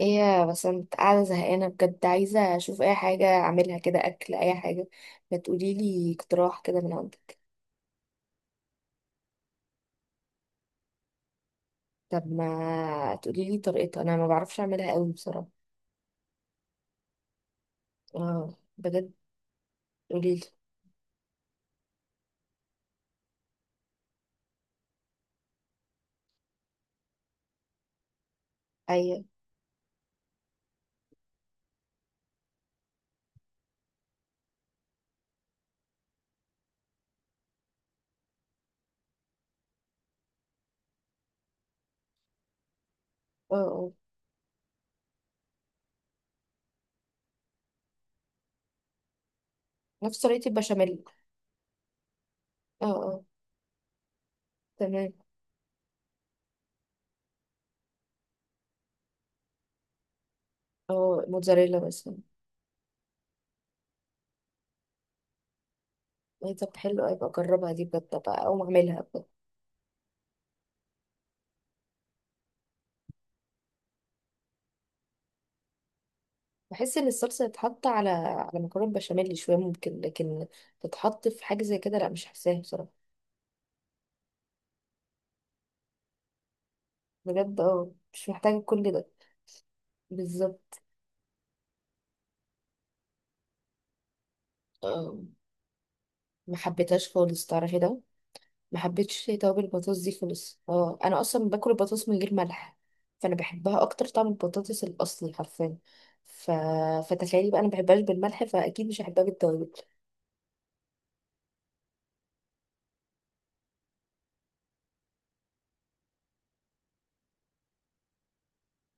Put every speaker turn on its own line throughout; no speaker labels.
ايه يا بسنت، قاعدة زهقانة بجد. عايزة اشوف اي حاجة اعملها كده، اكل اي حاجة. ما تقوليلي اقتراح كده من عندك. طب ما تقوليلي طريقتها، انا ما بعرفش اعملها قوي بصراحة. اه بجد؟ قوليلي. ايوه. اه اه، نفس طريقة البشاميل. اه اه، تمام. اه، موتزاريلا مثلا. ايه طب، حلو اوي بقى، اجربها دي بجد بقى او اعملها بجد. بحس ان الصلصة تتحط على مكرونة بشاميل شوية ممكن، لكن تتحط في حاجة زي كده لا، مش حاساها بصراحة. بجد اه، مش محتاجة كل ده بالظبط. آه، ما حبيتهاش خالص تعرفي ده. ما حبيتش توابل البطاطس دي خالص. اه انا اصلا باكل البطاطس من غير ملح، فانا بحبها اكتر، طعم البطاطس الاصلي حرفيا. ف... فتخيلي بقى انا ما بحبهاش بالملح، فاكيد مش هحبها بالتوابل.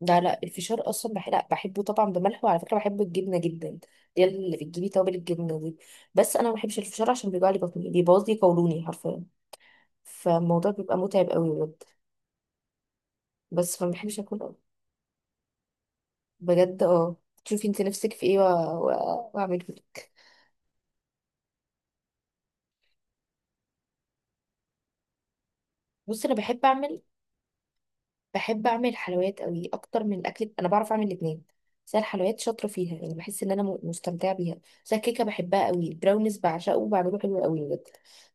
لا لا، الفشار اصلا لا بحبه طبعا بملح، وعلى فكره بحب الجبنه جدا دي اللي بتجيبي توابل الجبنه دي. بس انا ما بحبش الفشار عشان بيوجع لي بطني، بيبوظ لي قولوني حرفيا. فالموضوع بيبقى متعب قوي بجد. بس فما بحبش اكل أوي. بجد اه. تشوفي انت نفسك في ايه واعمله لك. بص، انا بحب اعمل، بحب اعمل حلويات قوي اكتر من الاكل. انا بعرف اعمل الاثنين، بس أنا الحلويات شاطره فيها. يعني بحس ان انا مستمتعه بيها. بس الكيكه بحبها قوي، البراونيز بعشقه وبعمله حلو قوي بجد.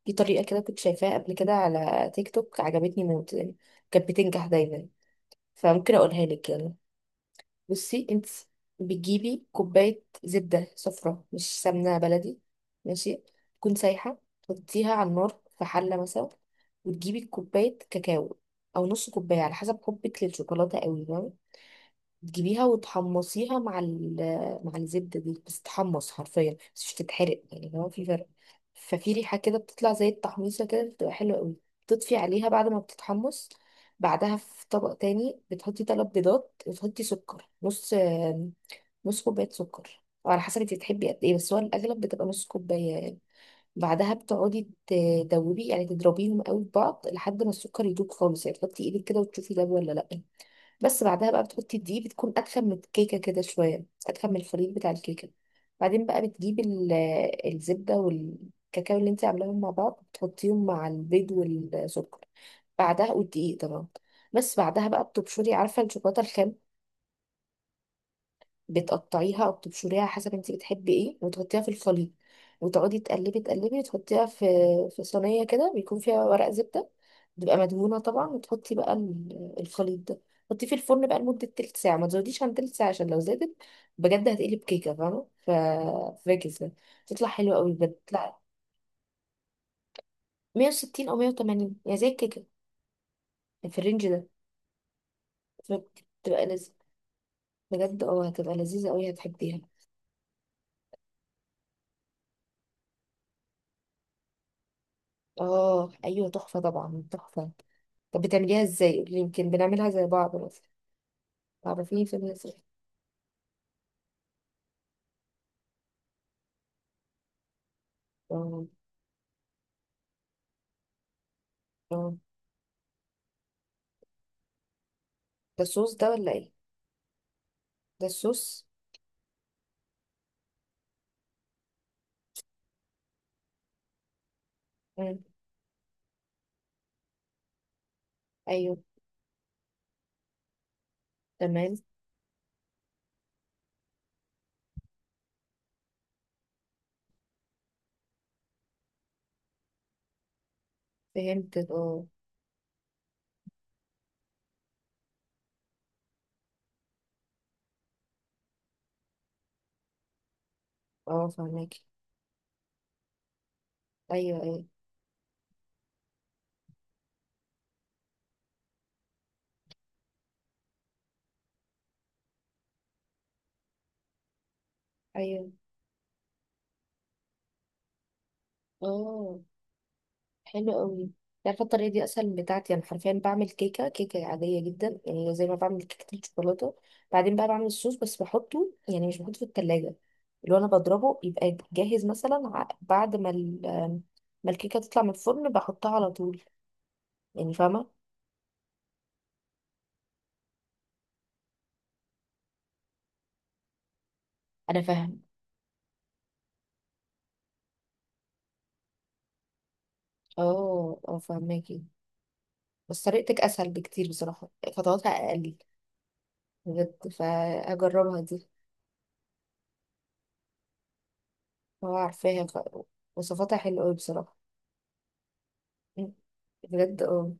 دي طريقه كده كنت شايفاها قبل كده على تيك توك، عجبتني موت يعني. كانت بتنجح دايما. فممكن اقولها لك يعني. بصي انت، بتجيبي كوباية زبدة صفرا مش سمنة بلدي، ماشي، تكون سايحة. تحطيها على النار في حلة مثلا، وتجيبي كوباية كاكاو، أو نص كوباية على حسب حبك للشوكولاتة قوي. تجيبيها وتحمصيها مع الزبدة دي، بس تحمص حرفيا، بس مش تتحرق يعني، هو في فرق. ففي ريحة كده بتطلع زي التحميصة كده، بتبقى حلوة قوي. تطفي عليها بعد ما بتتحمص. بعدها في طبق تاني، بتحطي تلات بيضات وتحطي سكر، نص نص كوباية سكر أو على حسب انت بتحبي قد ايه، بس هو الأغلب بتبقى نص كوباية يعني. بعدها بتقعدي تدوبي يعني، تضربيهم قوي في بعض لحد ما السكر يدوب خالص، يعني تحطي ايدك كده وتشوفي ده ولا لأ. بس بعدها بقى بتحطي الدقيق، بتكون اتخن من الكيكه كده شويه، اتخن من الخليط بتاع الكيكه. بعدين بقى بتجيبي الزبده والكاكاو اللي انت عاملاهم مع بعض، بتحطيهم مع البيض والسكر بعدها، والدقيق طبعا. بس بعدها بقى بتبشري، عارفه الشوكولاته الخام، بتقطعيها او بتبشريها حسب انت بتحبي ايه، وتحطيها في الخليط وتقعدي تقلبي تقلبي. تحطيها في في صينيه كده بيكون فيها ورق زبده، بتبقى مدهونه طبعا، وتحطي بقى الخليط ده. حطيه في الفرن بقى لمده تلت ساعه، ما تزوديش عن تلت ساعه عشان لو زادت بجد هتقلب كيكه، فاهمه؟ ف فاكس ده، تطلع حلوه قوي بجد، تطلع. 160 او 180 يعني، زي الكيكه، في الرينج ده. بتبقى لذيذه بجد اه، هتبقى لذيذه قوي هتحبيها. اه ايوه تحفه طبعا، تحفه. طب بتعمليها ازاي؟ قولي يمكن بنعملها زي بعض مثلا، تعرفيني في ازاي. اه اه، ده الصوص ده ولا ايه؟ ده الصوص. مم. ايوه. تمام. فهمت اه. اه فهمك. ايوه ايوه. ايوه اه. حلو قوي. عارفه الطريقه دي اسهل من بتاعتي. انا حرفيا بعمل كيكه عاديه جدا يعني، زي ما بعمل كيكه الشوكولاته. بعدين بقى بعمل الصوص، بس بحطه يعني، مش بحطه في التلاجة. اللي هو انا بضربه يبقى جاهز مثلا، بعد ما ما الكيكه تطلع من الفرن بحطها على طول. يعني فاهمة؟ أنا فاهم. اه اه، فاهماكي. بس طريقتك أسهل بكتير بصراحة، خطواتها أقل. بجد فهجربها دي. هو عارفاها. وصفاتها حلوة أوي بصراحة. مم. بجد اه.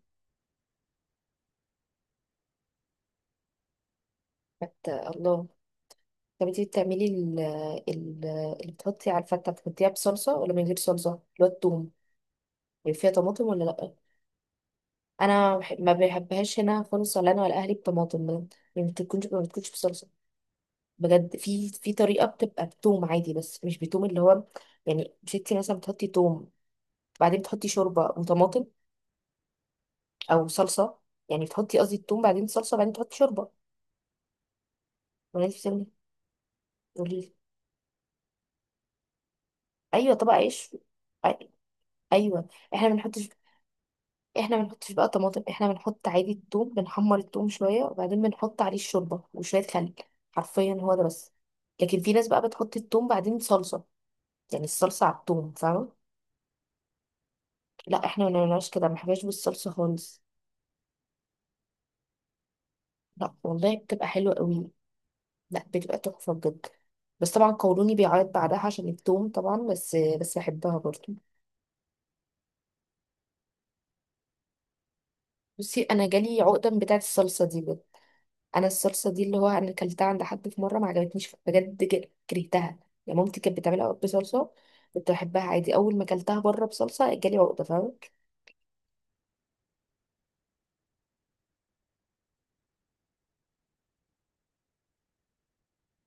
الله. طب انتي بتعملي ال... اللي بتحطي على الفتة، بتحطيها بصلصة ولا من غير صلصة، اللي هو التوم؟ يعني فيها طماطم ولا لأ؟ أنا ما بحبهاش هنا خالص، ولا أنا ولا أهلي بطماطم بجد. يعني ما بتكونش بصلصة. بجد في طريقه بتبقى بتوم عادي، بس مش بتوم اللي هو. يعني ستي مثلا بتحطي توم، بعدين بتحطي شوربه وطماطم او صلصه. يعني بتحطي قصدي التوم بعدين صلصه، بعدين تحطي شوربه. ولا انت بتعملي؟ قولي لي. ايوه طبق عيش. أي- ايوه. احنا ما بنحطش، احنا ما بنحطش بقى طماطم، احنا بنحط عادي التوم، بنحمر التوم شويه وبعدين بنحط عليه الشوربه وشويه خل، حرفيا هو ده بس. لكن في ناس بقى بتحط التوم بعدين صلصه، يعني الصلصه على التوم فاهمه. لا احنا ما بنعملش كده، ما بنحبهاش بالصلصه خالص. لا والله بتبقى حلوة قوي، لا بتبقى تحفة بجد. بس طبعا قولوني بيعيط بعدها عشان التوم طبعا، بس بحبها برضو. بصي انا جالي عقدة بتاعة الصلصة دي بجد. انا الصلصة دي اللي هو انا اكلتها عند حد في مرة ما عجبتنيش بجد، كرهتها. يعني مامتي كانت بتعملها بصلصة كنت بحبها عادي، اول ما اكلتها بره بصلصة جالي عقدة فاهمة.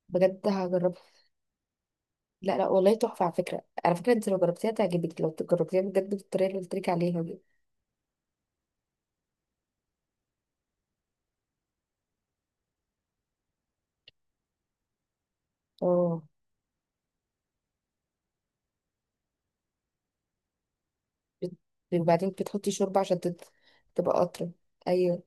بجد هجربها. لا لا والله تحفة، على فكرة على فكرة انت لو جربتيها تعجبك، لو جربتيها بجد بالطريقة اللي قلت لك عليها دي. اه بت- وبعدين بتحطي شوربة عشان تبقى أطرى. أيوه.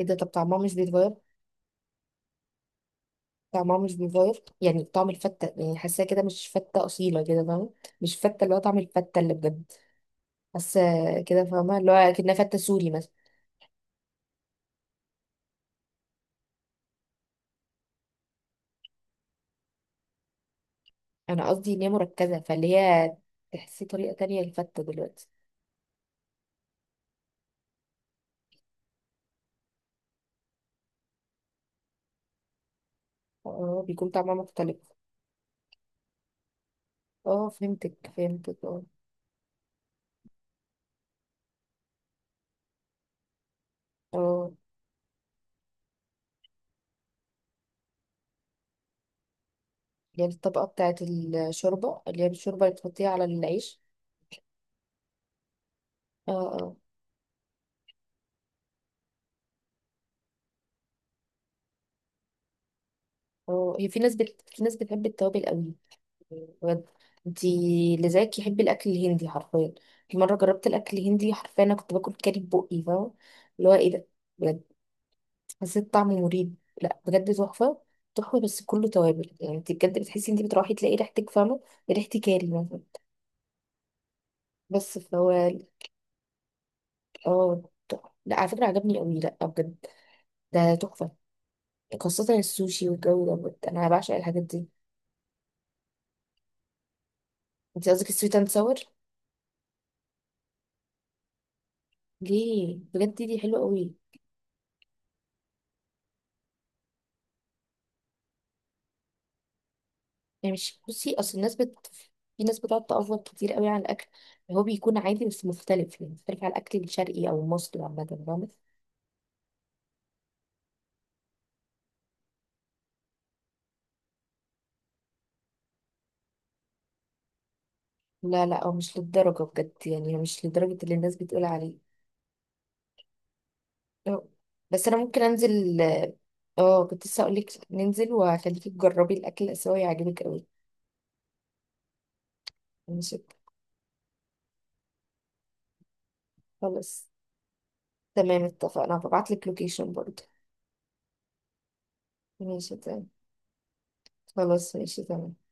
ايه ده، طب طعمها مش بيتغير؟ طعمها مش بيتغير، يعني طعم الفتة، يعني حاساها كده مش فتة أصيلة كده فاهمة. مش فتة، اللي هو طعم الفتة اللي بجد، حاسة كده فاهمة، اللي هو كأنها فتة سوري مثلا. أنا قصدي إن هي مركزة، فاللي هي تحسي طريقة تانية للفتة دلوقتي. اه بيكون طعمها مختلف. اه فهمتك فهمتك اه. اه، اللي هي الطبقة بتاعت الشوربة، اللي هي الشوربة اللي بتحطيها على العيش. اه آه. اه هي، في ناس في ناس بتحب التوابل قوي بجد. انتي اللي زيك يحب الاكل الهندي حرفيا. في مره جربت الاكل الهندي حرفيا، انا كنت باكل كاري ببقي فاهمه، اللي هو ايه ده بجد، حسيت طعمه مريب. لا بجد تحفه، تحفه بس كله توابل يعني. انت بجد بتحسي، انت بتروحي تلاقي ريحتك فاهمه، ريحه كاري مثلا. بس فهو. اه تحفة. لا على فكره عجبني قوي، لا بجد ده تحفه، خاصه السوشي والجو ده بجد. انا بعشق الحاجات دي. انت قصدك السويت اند ساور؟ ليه؟ بجد دي حلوه قوي. يعني مش، بصي اصل الناس في ناس بتقعد تأفور كتير قوي على الاكل، اللي هو بيكون عادي بس مختلف يعني، مختلف على الاكل الشرقي او المصري عامه فاهمة؟ لا لا، هو مش للدرجه بجد، يعني هو مش لدرجه اللي الناس بتقول عليه. لا. بس انا ممكن انزل. اه كنت لسه اقول لك ننزل وهخليكي تجربي الاكل الاسيوي، هيعجبك قوي. ماشي خلاص تمام اتفقنا، هبعت لك لوكيشن برضه. ماشي تمام. خلاص ماشي تمام.